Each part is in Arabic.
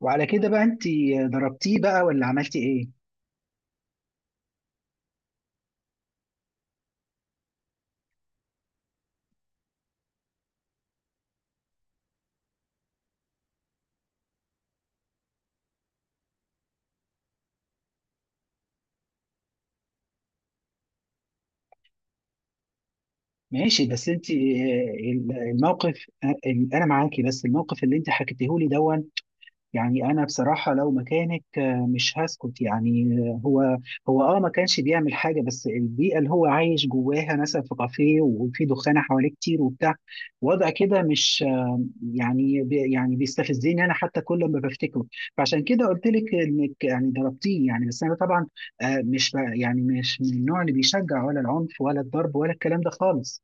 وعلى كده بقى، انت ضربتيه بقى ولا عملتي ايه؟ ماشي. بس انت الموقف، انا معاكي، بس الموقف اللي انت حكيته لي دون. يعني انا بصراحة لو مكانك مش هسكت يعني. هو اه ما كانش بيعمل حاجة، بس البيئة اللي هو عايش جواها، مثلا في كافيه وفي دخانة حواليه كتير وبتاع، وضع كده مش يعني يعني بيستفزني انا حتى، كل ما بفتكره. فعشان كده قلت لك انك يعني ضربتيه يعني. بس انا طبعا مش يعني مش من النوع اللي بيشجع ولا العنف ولا الضرب ولا الكلام ده خالص.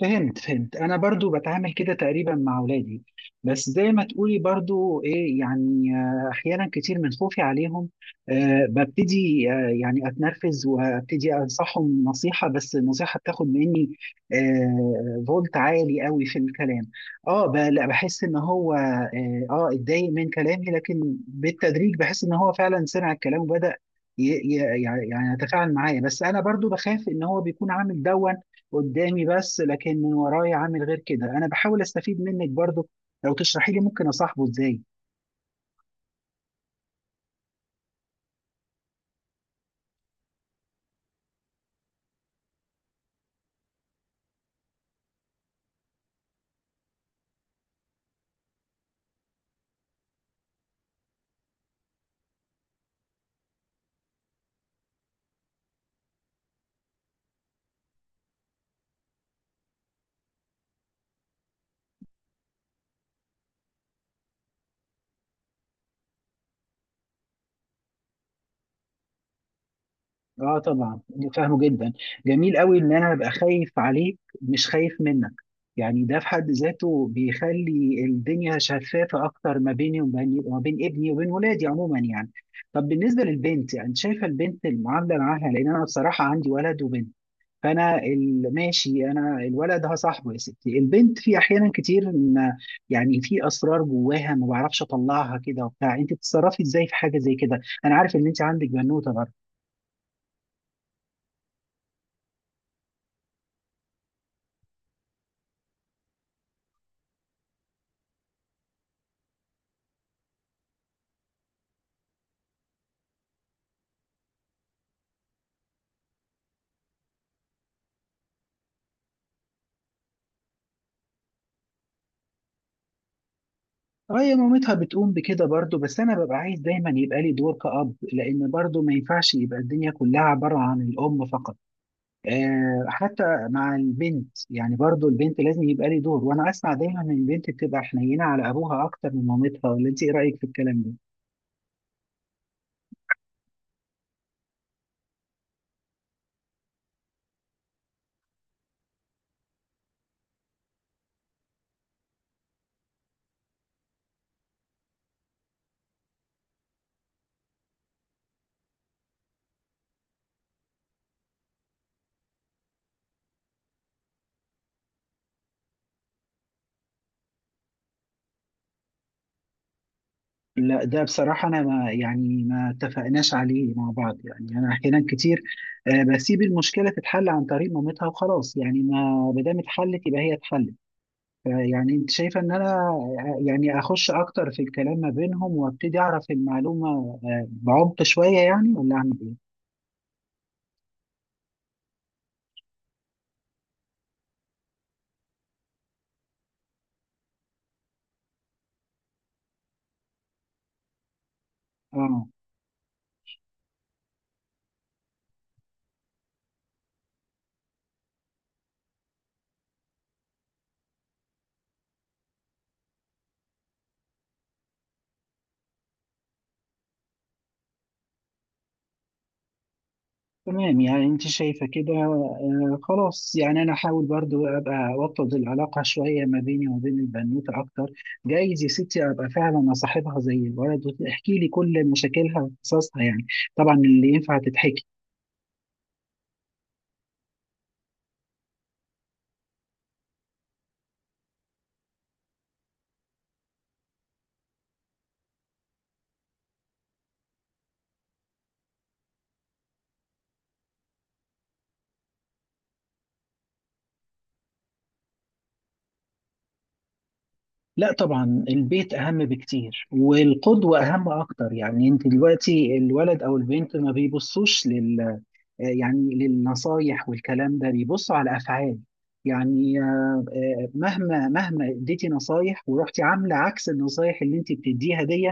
فهمت، انا برضو بتعامل كده تقريبا مع اولادي. بس زي ما تقولي برضو ايه يعني، احيانا كتير من خوفي عليهم ببتدي يعني اتنرفز وابتدي انصحهم نصيحة، بس النصيحة بتاخد مني فولت عالي قوي في الكلام. اه لا بحس ان هو اتضايق من كلامي، لكن بالتدريج بحس ان هو فعلا سمع الكلام وبدأ يعني يتفاعل معايا. بس انا برضو بخاف ان هو بيكون عامل دون قدامي بس، لكن من ورايا عامل غير كده. انا بحاول استفيد منك برضو، لو تشرحي لي ممكن اصاحبه ازاي. اه طبعا، فاهمه جدا. جميل قوي ان انا ابقى خايف عليك مش خايف منك، يعني ده في حد ذاته بيخلي الدنيا شفافة أكتر ما بيني وبين، ما بين ابني وبين ولادي عموما يعني. طب بالنسبة للبنت، يعني شايفة البنت المعاملة معاها؟ لأن أنا بصراحة عندي ولد وبنت. فانا ماشي، انا الولد ده صاحبه يا ستي، البنت في احيانا كتير يعني في اسرار جواها ما بعرفش اطلعها كده وبتاع. انت بتتصرفي ازاي في حاجه زي كده؟ انا عارف ان انت عندك بنوته برضه. اه، يا مامتها بتقوم بكده برضه، بس انا ببقى عايز دايما يبقى لي دور كأب، لان برضه ما ينفعش يبقى الدنيا كلها عباره عن الام فقط. آه، حتى مع البنت يعني، برضه البنت لازم يبقى لي دور. وانا اسمع دايما ان البنت بتبقى حنينه على ابوها اكتر من مامتها، ولا انت ايه رايك في الكلام ده؟ لا ده بصراحة أنا ما يعني ما اتفقناش عليه مع بعض يعني. أنا أحيانا كتير بسيب المشكلة تتحل عن طريق مامتها وخلاص، يعني ما ما دام اتحلت يبقى هي اتحلت. يعني أنت شايفة إن أنا يعني أخش أكتر في الكلام ما بينهم وأبتدي أعرف المعلومة بعمق شوية يعني، ولا أعمل إيه؟ آه، تمام. يعني انت شايفة كده، آه خلاص، يعني انا احاول برضو ابقى اوطد العلاقة شوية ما بيني وبين البنوتة اكتر. جايز يا ستي ابقى فعلا اصاحبها زي الولد، وتحكي لي كل مشاكلها وقصصها يعني، طبعا اللي ينفع تتحكي. لا طبعا البيت اهم بكتير، والقدوة اهم اكتر. يعني انت دلوقتي الولد او البنت ما بيبصوش لل يعني للنصايح والكلام ده، بيبصوا على افعال. يعني مهما اديتي نصايح ورحتي عامله عكس النصايح اللي انت بتديها دي،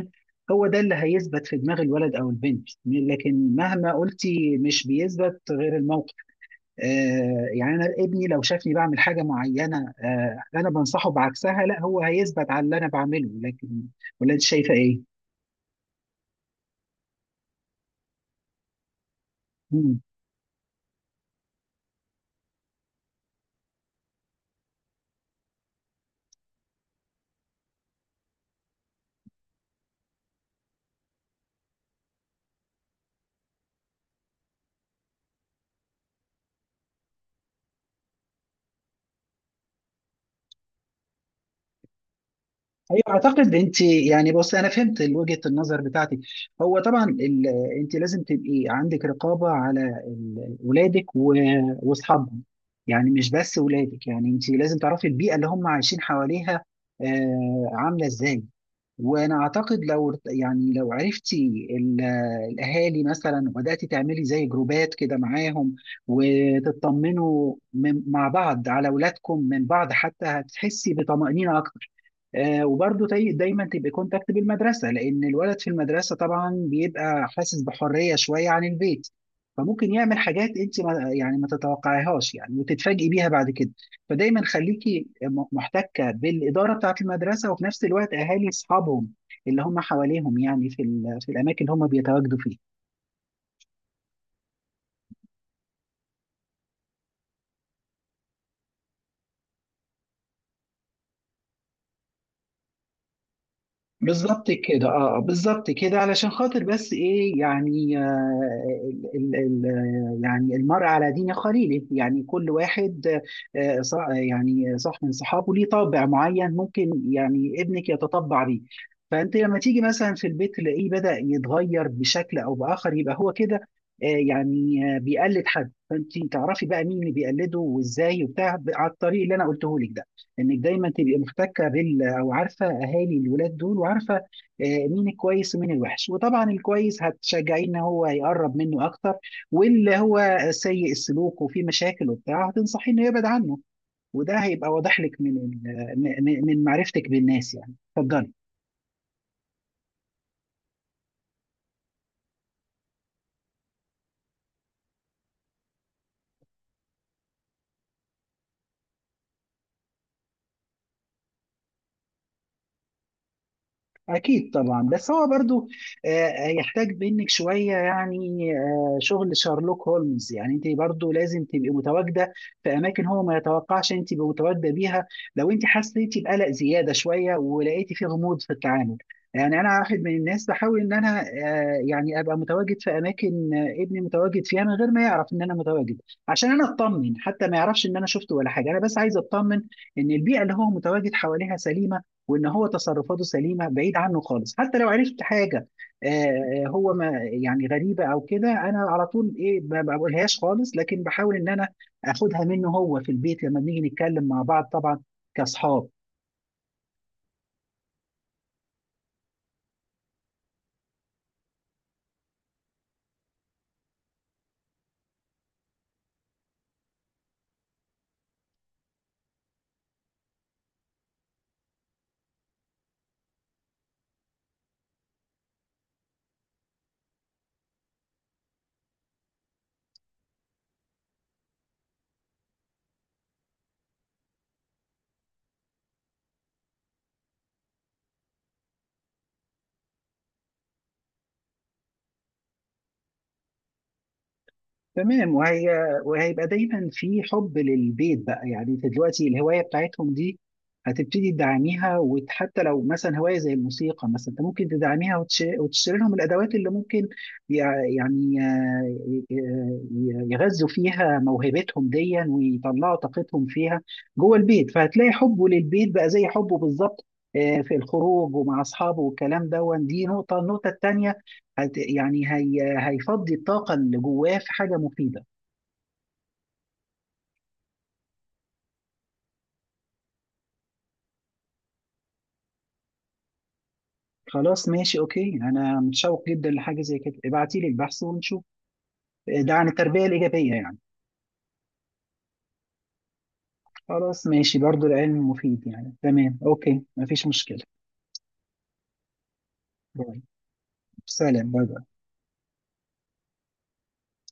هو ده اللي هيثبت في دماغ الولد او البنت، لكن مهما قلتي مش بيثبت غير الموقف. يعني انا ابني لو شافني بعمل حاجه معينه، انا بنصحه بعكسها، لا هو هيثبت على اللي انا بعمله. لكن ولا انت شايفه ايه؟ ايوه، اعتقد انت يعني، بص انا فهمت وجهه النظر بتاعتك. هو طبعا انت لازم تبقي عندك رقابه على ولادك واصحابهم. يعني مش بس ولادك، يعني انت لازم تعرفي البيئه اللي هم عايشين حواليها عامله ازاي. وانا اعتقد لو يعني لو عرفتي الاهالي مثلا وبداتي تعملي زي جروبات كده معاهم، وتطمنوا مع بعض على اولادكم من بعض، حتى هتحسي بطمانينه اكتر. وبرضه دايما تبقى كونتاكت بالمدرسه، لان الولد في المدرسه طبعا بيبقى حاسس بحريه شويه عن البيت، فممكن يعمل حاجات انت ما يعني ما تتوقعيهاش يعني، وتتفاجئي بيها بعد كده. فدايما خليكي محتكه بالاداره بتاعه المدرسه، وفي نفس الوقت اهالي اصحابهم اللي هم حواليهم، يعني في في الاماكن اللي هم بيتواجدوا فيها. بالظبط كده، اه بالظبط كده. علشان خاطر بس ايه يعني، ال ال ال يعني المرء على دين خليله. يعني كل واحد يعني صاحب من صحابه ليه طابع معين، ممكن يعني ابنك يتطبع بيه. فانت لما تيجي مثلا في البيت تلاقيه بدأ يتغير بشكل او بآخر، يبقى هو كده يعني بيقلد حد. فانت تعرفي بقى مين اللي بيقلده وازاي وبتاع، على الطريق اللي انا قلته لك ده، انك دايما تبقي محتكه بال، او عارفه اهالي الولاد دول، وعارفه مين الكويس ومين الوحش. وطبعا الكويس هتشجعيه ان هو يقرب منه اكتر، واللي هو سيء السلوك وفيه مشاكل وبتاع هتنصحيه انه يبعد عنه. وده هيبقى واضح لك من من معرفتك بالناس يعني. اتفضلي. أكيد طبعا، بس هو برضو هيحتاج منك شوية يعني، شغل شارلوك هولمز. يعني أنت برضو لازم تبقي متواجدة في أماكن هو ما يتوقعش أنت تبقي متواجدة بيها، لو أنت حسيتي بقلق زيادة شوية ولقيتي فيه غموض في التعامل. يعني أنا واحد من الناس بحاول إن أنا يعني أبقى متواجد في أماكن ابني متواجد فيها، من غير ما يعرف إن أنا متواجد، عشان أنا أطمن. حتى ما يعرفش إن أنا شفته ولا حاجة، أنا بس عايز أطمن إن البيئة اللي هو متواجد حواليها سليمة، وان هو تصرفاته سليمه. بعيد عنه خالص حتى لو عرفت حاجه هو ما يعني غريبه او كده، انا على طول ايه، ما ما بقولهاش خالص، لكن بحاول ان انا اخدها منه هو في البيت لما بنيجي نتكلم مع بعض طبعا كاصحاب. تمام. وهيبقى دايما في حب للبيت بقى. يعني انت دلوقتي الهوايه بتاعتهم دي هتبتدي تدعميها، وحتى لو مثلا هوايه زي الموسيقى مثلا، انت ممكن تدعميها وتشتري لهم الادوات اللي ممكن يع- يعني آه، يغذوا فيها موهبتهم دي ويطلعوا طاقتهم فيها جوه البيت. فهتلاقي حبه للبيت بقى زي حبه بالظبط في الخروج ومع اصحابه والكلام ده. دي نقطه، النقطه التانيه يعني هي هيفضي الطاقة اللي جواه في حاجة مفيدة. خلاص ماشي، اوكي، انا متشوق جدا لحاجة زي كده. ابعتي لي البحث ونشوف، ده عن التربية الإيجابية يعني. خلاص ماشي، برضو العلم مفيد يعني. تمام، اوكي، مفيش مشكلة. باي. سلام، باي باي.